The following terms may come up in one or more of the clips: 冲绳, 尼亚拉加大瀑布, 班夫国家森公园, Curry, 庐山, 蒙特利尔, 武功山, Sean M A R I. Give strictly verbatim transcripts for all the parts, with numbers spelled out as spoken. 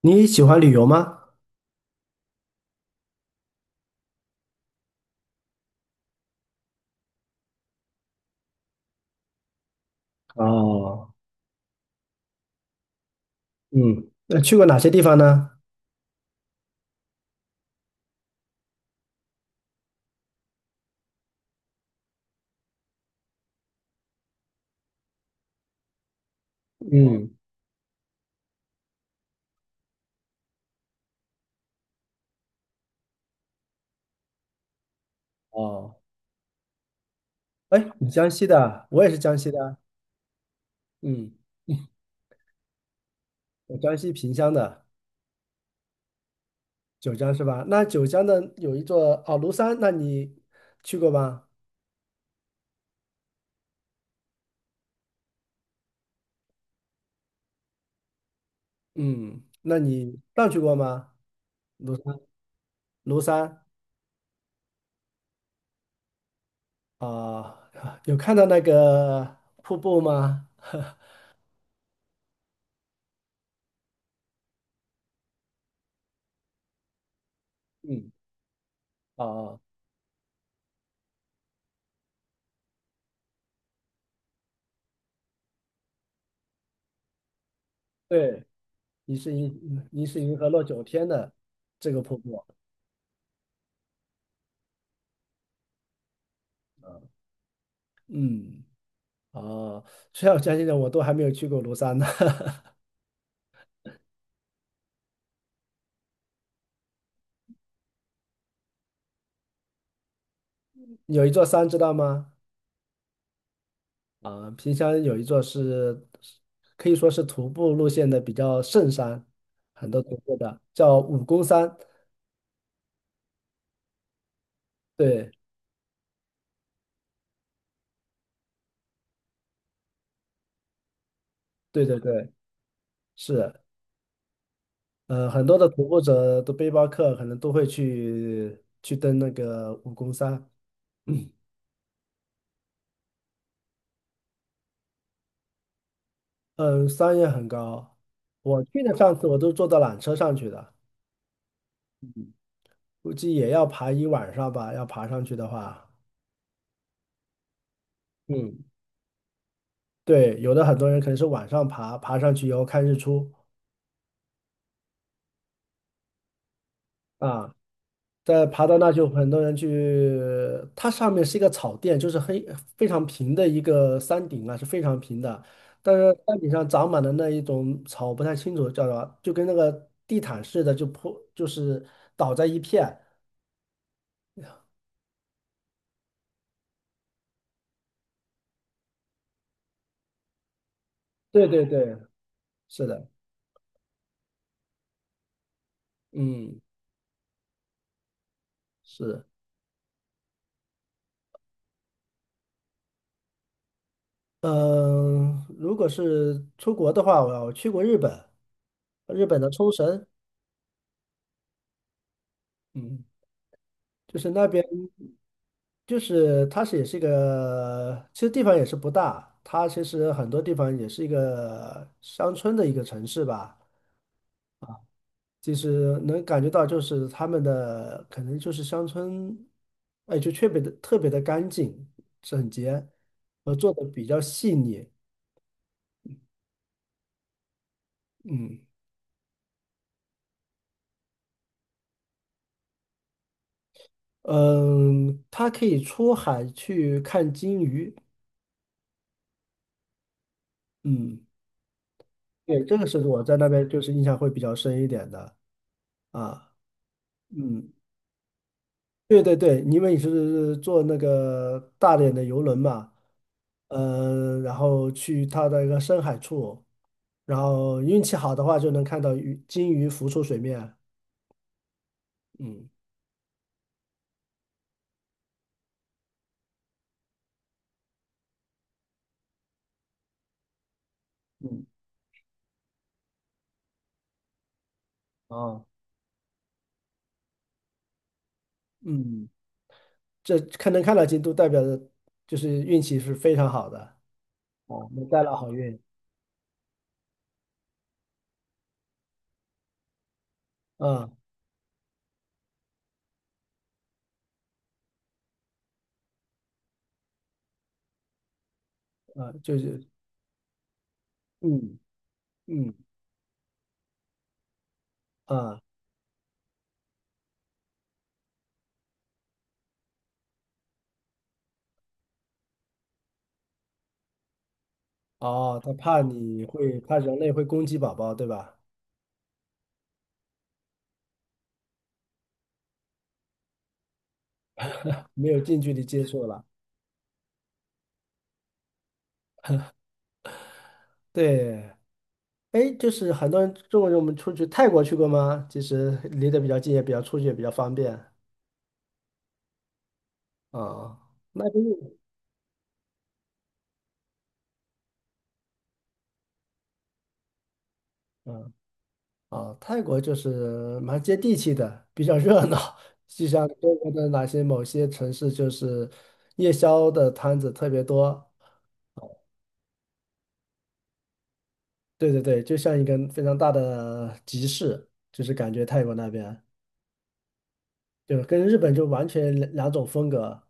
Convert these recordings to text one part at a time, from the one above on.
你喜欢旅游吗？哦。嗯，那去过哪些地方呢？嗯。哦，哎，你江西的啊，我也是江西的啊。嗯。我江西萍乡的。九江是吧？那九江的有一座哦庐山，那你去过吗？嗯，那你上去过吗？庐山。庐山啊，有看到那个瀑布吗？嗯。哦，哦，对，疑是银疑是银河落九天的这个瀑布。嗯。哦，虽然我相信的，我都还没有去过庐山呢。有一座山，知道吗？啊，萍乡有一座是可以说是徒步路线的比较圣山，很多徒步的，叫武功山。对。对对对。是。呃，很多的徒步者的背包客可能都会去去登那个武功山。嗯，山也很高。我去的上次我都坐到缆车上去的。估计也要爬一晚上吧，要爬上去的话。嗯。对，有的很多人可能是晚上爬，爬上去以后看日出啊。在爬到那就很多人去。它上面是一个草甸，就是黑非常平的一个山顶啊，是非常平的。但是山顶上长满了那一种草，我不太清楚叫什么，就跟那个地毯似的，就铺就是倒在一片。对对对。是的。嗯。是。嗯，如果是出国的话，我我去过日本，日本的冲绳。嗯，就是那边。就是它是也是一个，其实地方也是不大，它其实很多地方也是一个乡村的一个城市吧。其实能感觉到，就是他们的可能就是乡村。哎，就特别的特别的干净整洁，呃，做的比较细腻。嗯嗯。它可以出海去看金鱼。嗯。对，这个是我在那边就是印象会比较深一点的啊。嗯。对对对，因为你是坐那个大连的游轮嘛。呃，然后去它的一个深海处，然后运气好的话就能看到鱼金鱼浮出水面。嗯嗯。啊嗯，这看能看到金都代表着就是运气是非常好的。哦，能带来好运。啊啊，就是嗯嗯啊哦，他怕你会怕人类会攻击宝宝，对吧？没有近距离接触了。对。哎，就是很多人中国人，我们出去泰国去过吗？其实离得比较近，也比较出去也比较方便啊。那就嗯。啊，泰国就是蛮接地气的，比较热闹。就像中国的哪些某些城市，就是夜宵的摊子特别多。对对对，就像一个非常大的集市，就是感觉泰国那边就是跟日本就完全两两种风格。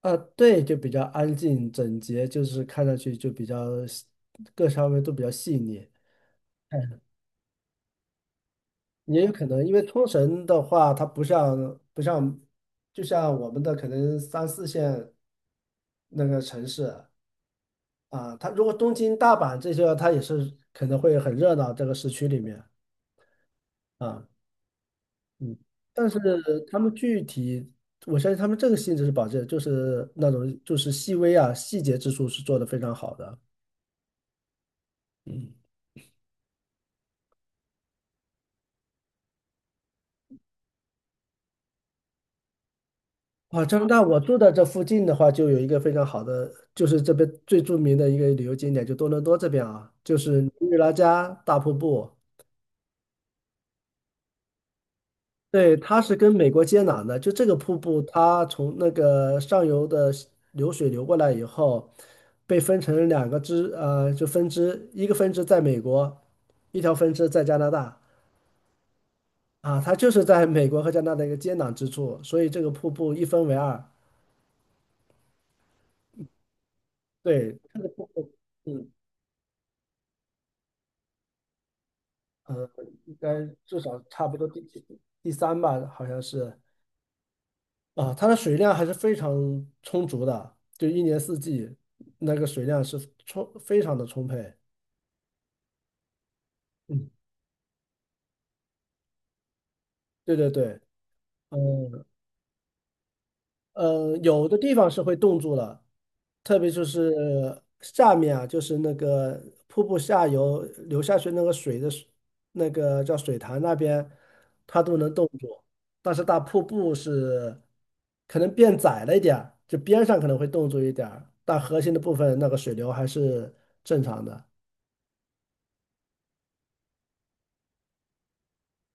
啊，对，就比较安静整洁，就是看上去就比较细各方面都比较细腻。嗯，也有可能，因为冲绳的话，它不像不像，就像我们的可能三四线那个城市啊。它如果东京、大阪这些，它也是可能会很热闹这个市区里面啊。嗯，但是他们具体，我相信他们这个性质是保证，就是那种就是细微啊细节之处是做得非常好的。嗯。啊，加拿大，我住的这附近的话，就有一个非常好的，就是这边最著名的一个旅游景点，就多伦多这边啊，就是尼亚拉加大瀑布。对，它是跟美国接壤的，就这个瀑布，它从那个上游的西流水流过来以后，被分成两个支，呃，就分支，一个分支在美国，一条分支在加拿大。啊，它就是在美国和加拿大的一个接壤之处，所以这个瀑布一分为二。对，这个瀑布。嗯。呃，应该至少差不多第第三吧，好像是啊。它的水量还是非常充足的，就一年四季那个水量是充非常的充沛。嗯。对对对。嗯，呃，有的地方是会冻住了，特别就是下面啊，就是那个瀑布下游流下去那个水的水那个叫水潭那边，它都能冻住。但是大瀑布是可能变窄了一点儿，就边上可能会冻住一点儿，但核心的部分那个水流还是正常的。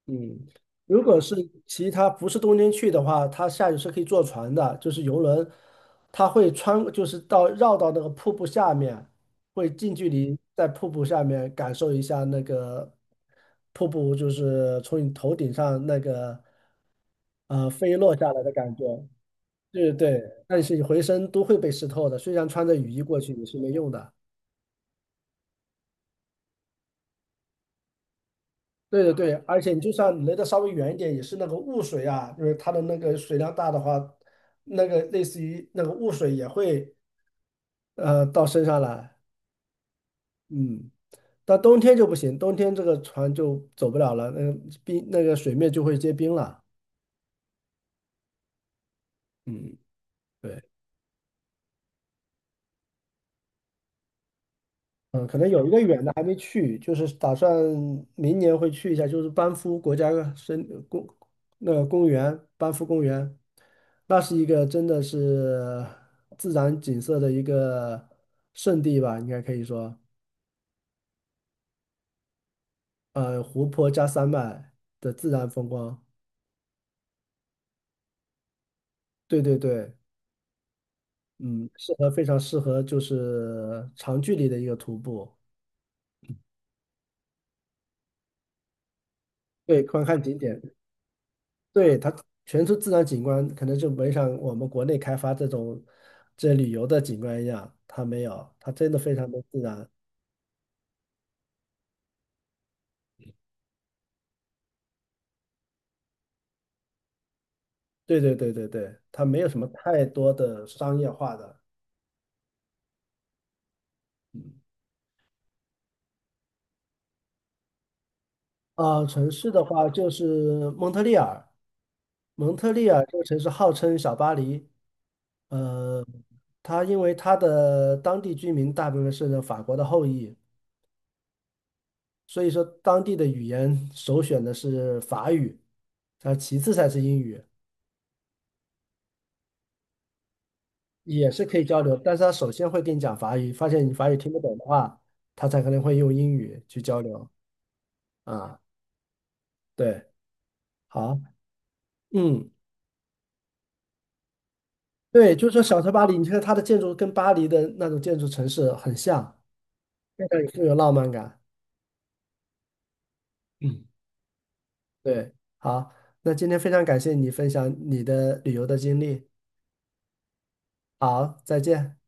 嗯，如果是其他不是冬天去的话，它下去是可以坐船的，就是游轮，它会穿，就是到绕到那个瀑布下面，会近距离在瀑布下面感受一下那个瀑布，就是从你头顶上那个呃飞落下来的感觉。对对。但是你浑身都会被湿透的，虽然穿着雨衣过去也是没用的。对对对，而且你就算离得稍微远一点，也是那个雾水啊，就是它的那个水量大的话，那个类似于那个雾水也会呃到身上来。嗯，但冬天就不行，冬天这个船就走不了了，那个冰那个水面就会结冰了。嗯。对。嗯，可能有一个远的还没去，就是打算明年会去一下，就是班夫国家森公那个公园，班夫公园，那是一个真的是自然景色的一个圣地吧，应该可以说。呃，湖泊加山脉的自然风光。对对对。嗯，适合非常适合就是长距离的一个徒步。对，观看景点。对，它全是自然景观，可能就没像我们国内开发这种这旅游的景观一样，它没有，它真的非常的自然。对对对对对，它没有什么太多的商业化的。嗯。啊，城市的话就是蒙特利尔。蒙特利尔这个城市号称小巴黎。呃，它因为它的当地居民大部分是法国的后裔，所以说当地的语言首选的是法语，它其次才是英语。也是可以交流，但是他首先会跟你讲法语，发现你法语听不懂的话，他才可能会用英语去交流啊。对。好。嗯。对，就是说小城巴黎，你看它的建筑跟巴黎的那种建筑城市很像，非常有富有浪漫感。嗯。对。好。那今天非常感谢你分享你的旅游的经历。好，再见。